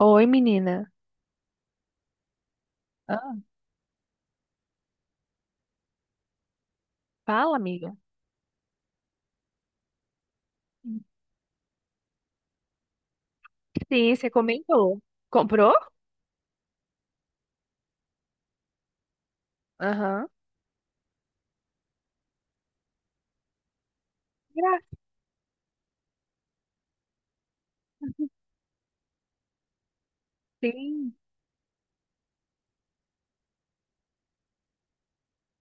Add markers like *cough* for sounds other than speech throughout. Oi, menina. Ah, fala, amiga. Sim, você comentou. Comprou? Aham. Sim.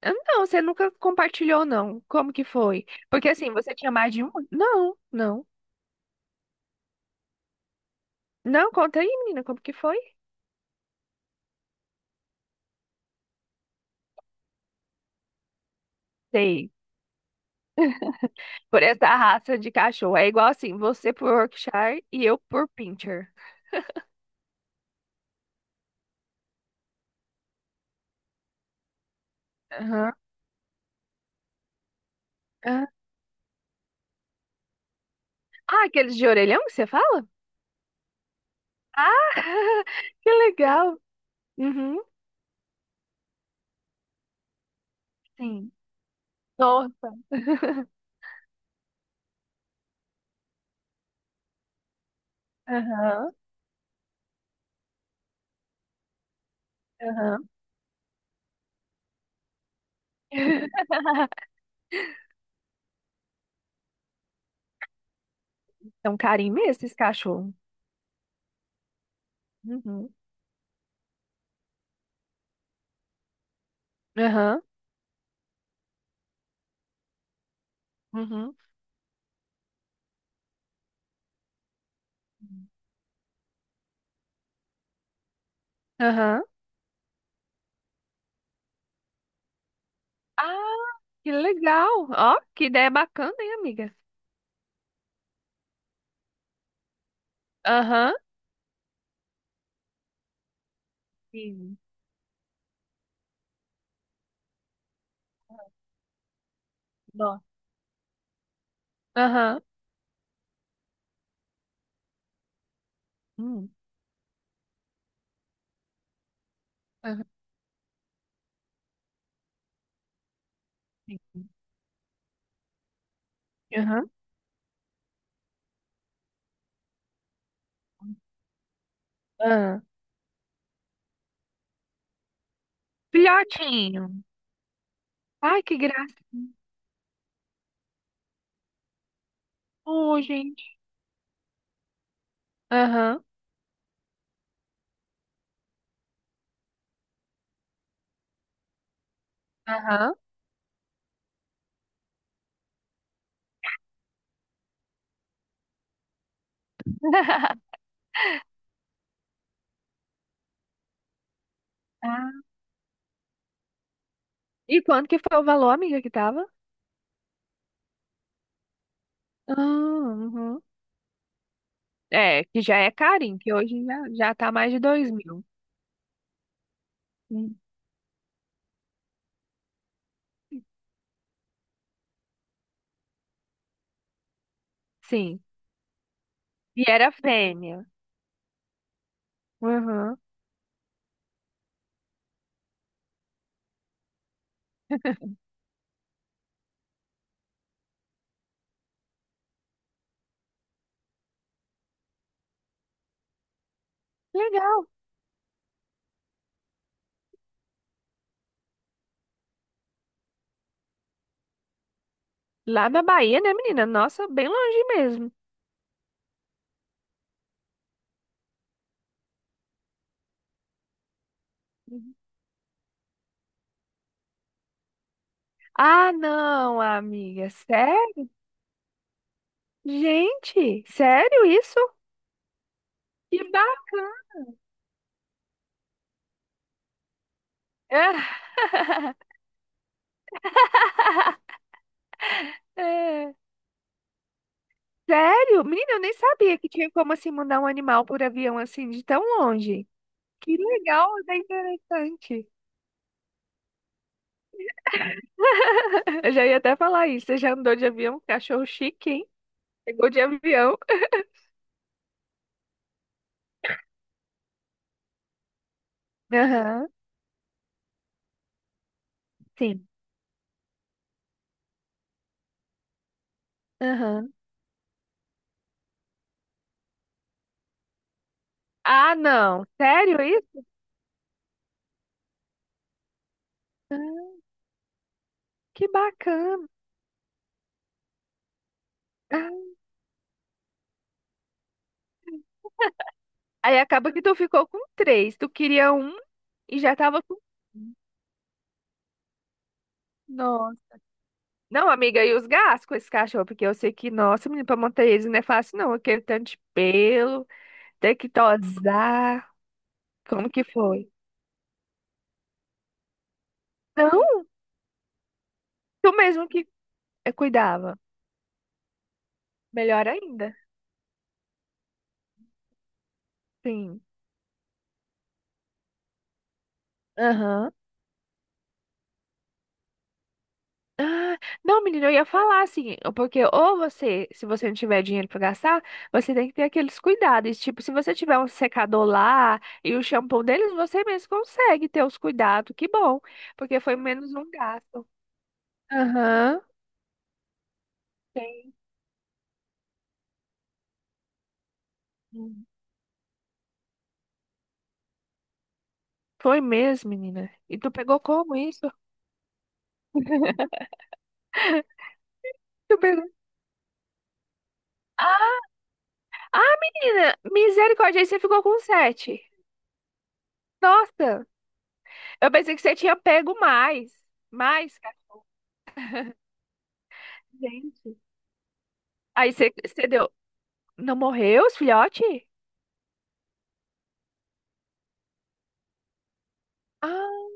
Não, você nunca compartilhou, não. Como que foi? Porque assim, você tinha mais de um? Não, não. Não, conta aí, menina, como que foi? Sei. Por essa raça de cachorro. É igual assim, você por Yorkshire e eu por Pinscher. Aham. Ah, ah, aqueles de orelhão que você fala? Ah, *laughs* que legal. Uhum, sim. Nossa. *laughs* Aham. Aham. *laughs* É um carinho mesmo esses cachorros. Uhum. Aham. Uhum. Aham. Ah, que legal. Ó, que ideia bacana, hein, amiga? Aham. Sim. Nossa. Aham. Hum. Aham. Sim. Aham. Aham. Filhotinho. Ai, que graça. Oh, gente. Aham. Aham. *laughs* Ah. E quanto que foi o valor, amiga, que tava? Ah, uhum. É, que já é carinho, que hoje já, já tá mais de dois mil. Sim. E era fêmea. Aham. Legal. Lá na Bahia, né, menina? Nossa, bem longe mesmo. Uhum. Ah, não, amiga. Sério? Gente, sério isso? Que bacana. É, é. Sério? Menina, eu nem sabia que tinha como assim mandar um animal por avião assim de tão longe. Que legal, é interessante. *laughs* Eu já ia até falar isso. Você já andou de avião? Cachorro chique, hein? Pegou de avião. Aham, sim. Aham. Ah, não. Sério isso? Ah, que bacana. Ah. Aí acaba que tu ficou com três. Tu queria um e já tava com. Um. Nossa. Não, amiga, e os gastos com esse cachorro? Porque eu sei que, nossa, menino, pra manter eles não é fácil, não. Aquele tanto de pelo, ter que tosar. Como que foi? Não, tu mesmo que cuidava. Melhor ainda. Sim. Aham. Ah, não, menina, eu ia falar assim, porque ou você, se você não tiver dinheiro pra gastar, você tem que ter aqueles cuidados. Tipo, se você tiver um secador lá e o shampoo deles, você mesmo consegue ter os cuidados. Que bom, porque foi menos um gasto. Aham. Tem. Foi mesmo, menina. E tu pegou como isso? *laughs* Tu pegou. Ah, ah, menina, misericórdia, aí você ficou com sete. Nossa, eu pensei que você tinha pego mais. Mais, cara, gente. Aí você, você deu. Não morreu os filhotes? Ah,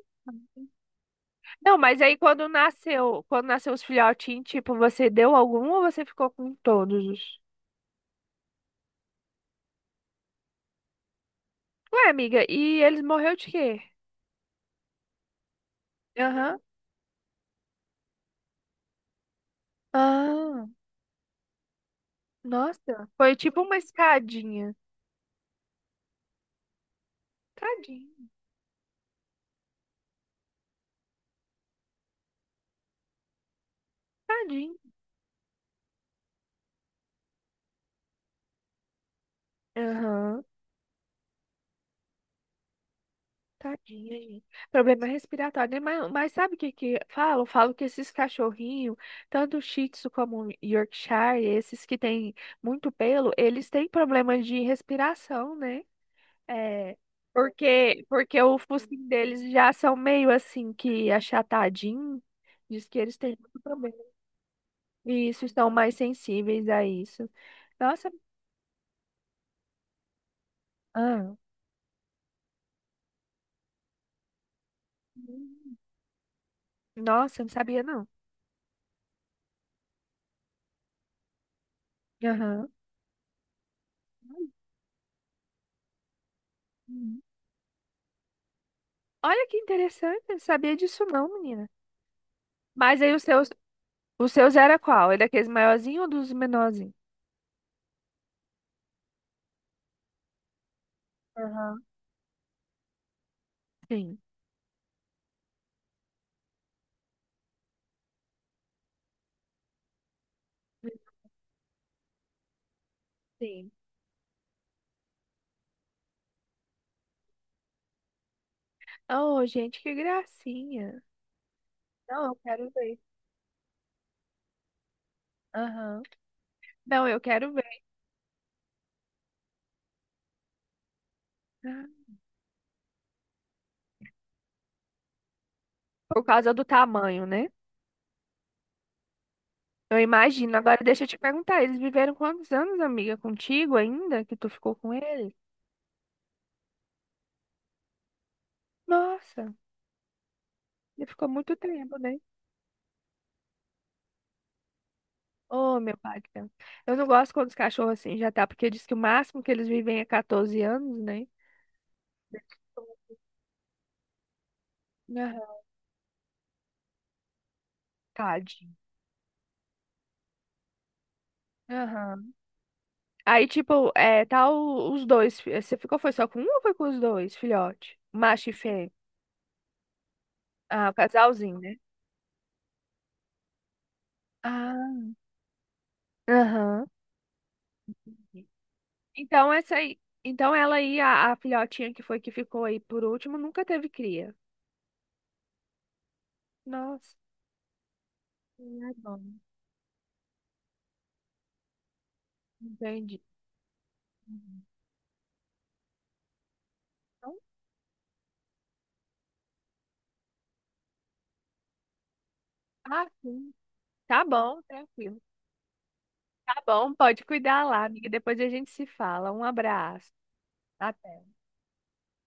não, mas aí quando nasceu os filhotinhos, tipo, você deu algum ou você ficou com todos? Ué, amiga, e eles morreu de quê? Aham. Ah, nossa, foi tipo uma escadinha. Tadinho, tadinho, aham. Tadinha, gente. Problema respiratório, né? Mas sabe o que que falam? Falam que esses cachorrinhos, tanto Shih Tzu como Yorkshire, esses que têm muito pelo, eles têm problemas de respiração, né? É, porque, porque o focinho deles já são meio assim que achatadinho. Diz que eles têm muito problema. E isso, estão mais sensíveis a isso. Nossa, ah, hum, nossa, não sabia não. Aham. Hum. Olha que interessante, eu não sabia disso não, menina. Mas aí os seus era qual? Era daqueles maiorzinhos ou dos menorzinhos? Aham. Sim. Sim. Oh, gente, que gracinha. Não, eu quero ver. Aham. Não, eu quero ver. Por causa do tamanho, né? Eu imagino. Agora deixa eu te perguntar, eles viveram quantos anos, amiga, contigo ainda que tu ficou com eles? Nossa, ele ficou muito tempo, né? Oh, meu pai, eu não gosto quando os cachorros assim já tá, porque diz que o máximo que eles vivem é 14 anos, né? Aham. Tadinho. Aham. Aí, tipo, é, tá os dois. Você ficou, foi só com um ou foi com os dois, filhote? Macho e fêmea. Ah, o casalzinho, né? Ah. Aham. Então essa aí, então ela aí a filhotinha que foi que ficou aí por último nunca teve cria. Nossa, hum, é bom. Entendi. Uhum. Então, ah, sim. Tá bom, tranquilo. Tá bom, pode cuidar lá, amiga. Depois a gente se fala. Um abraço. Até.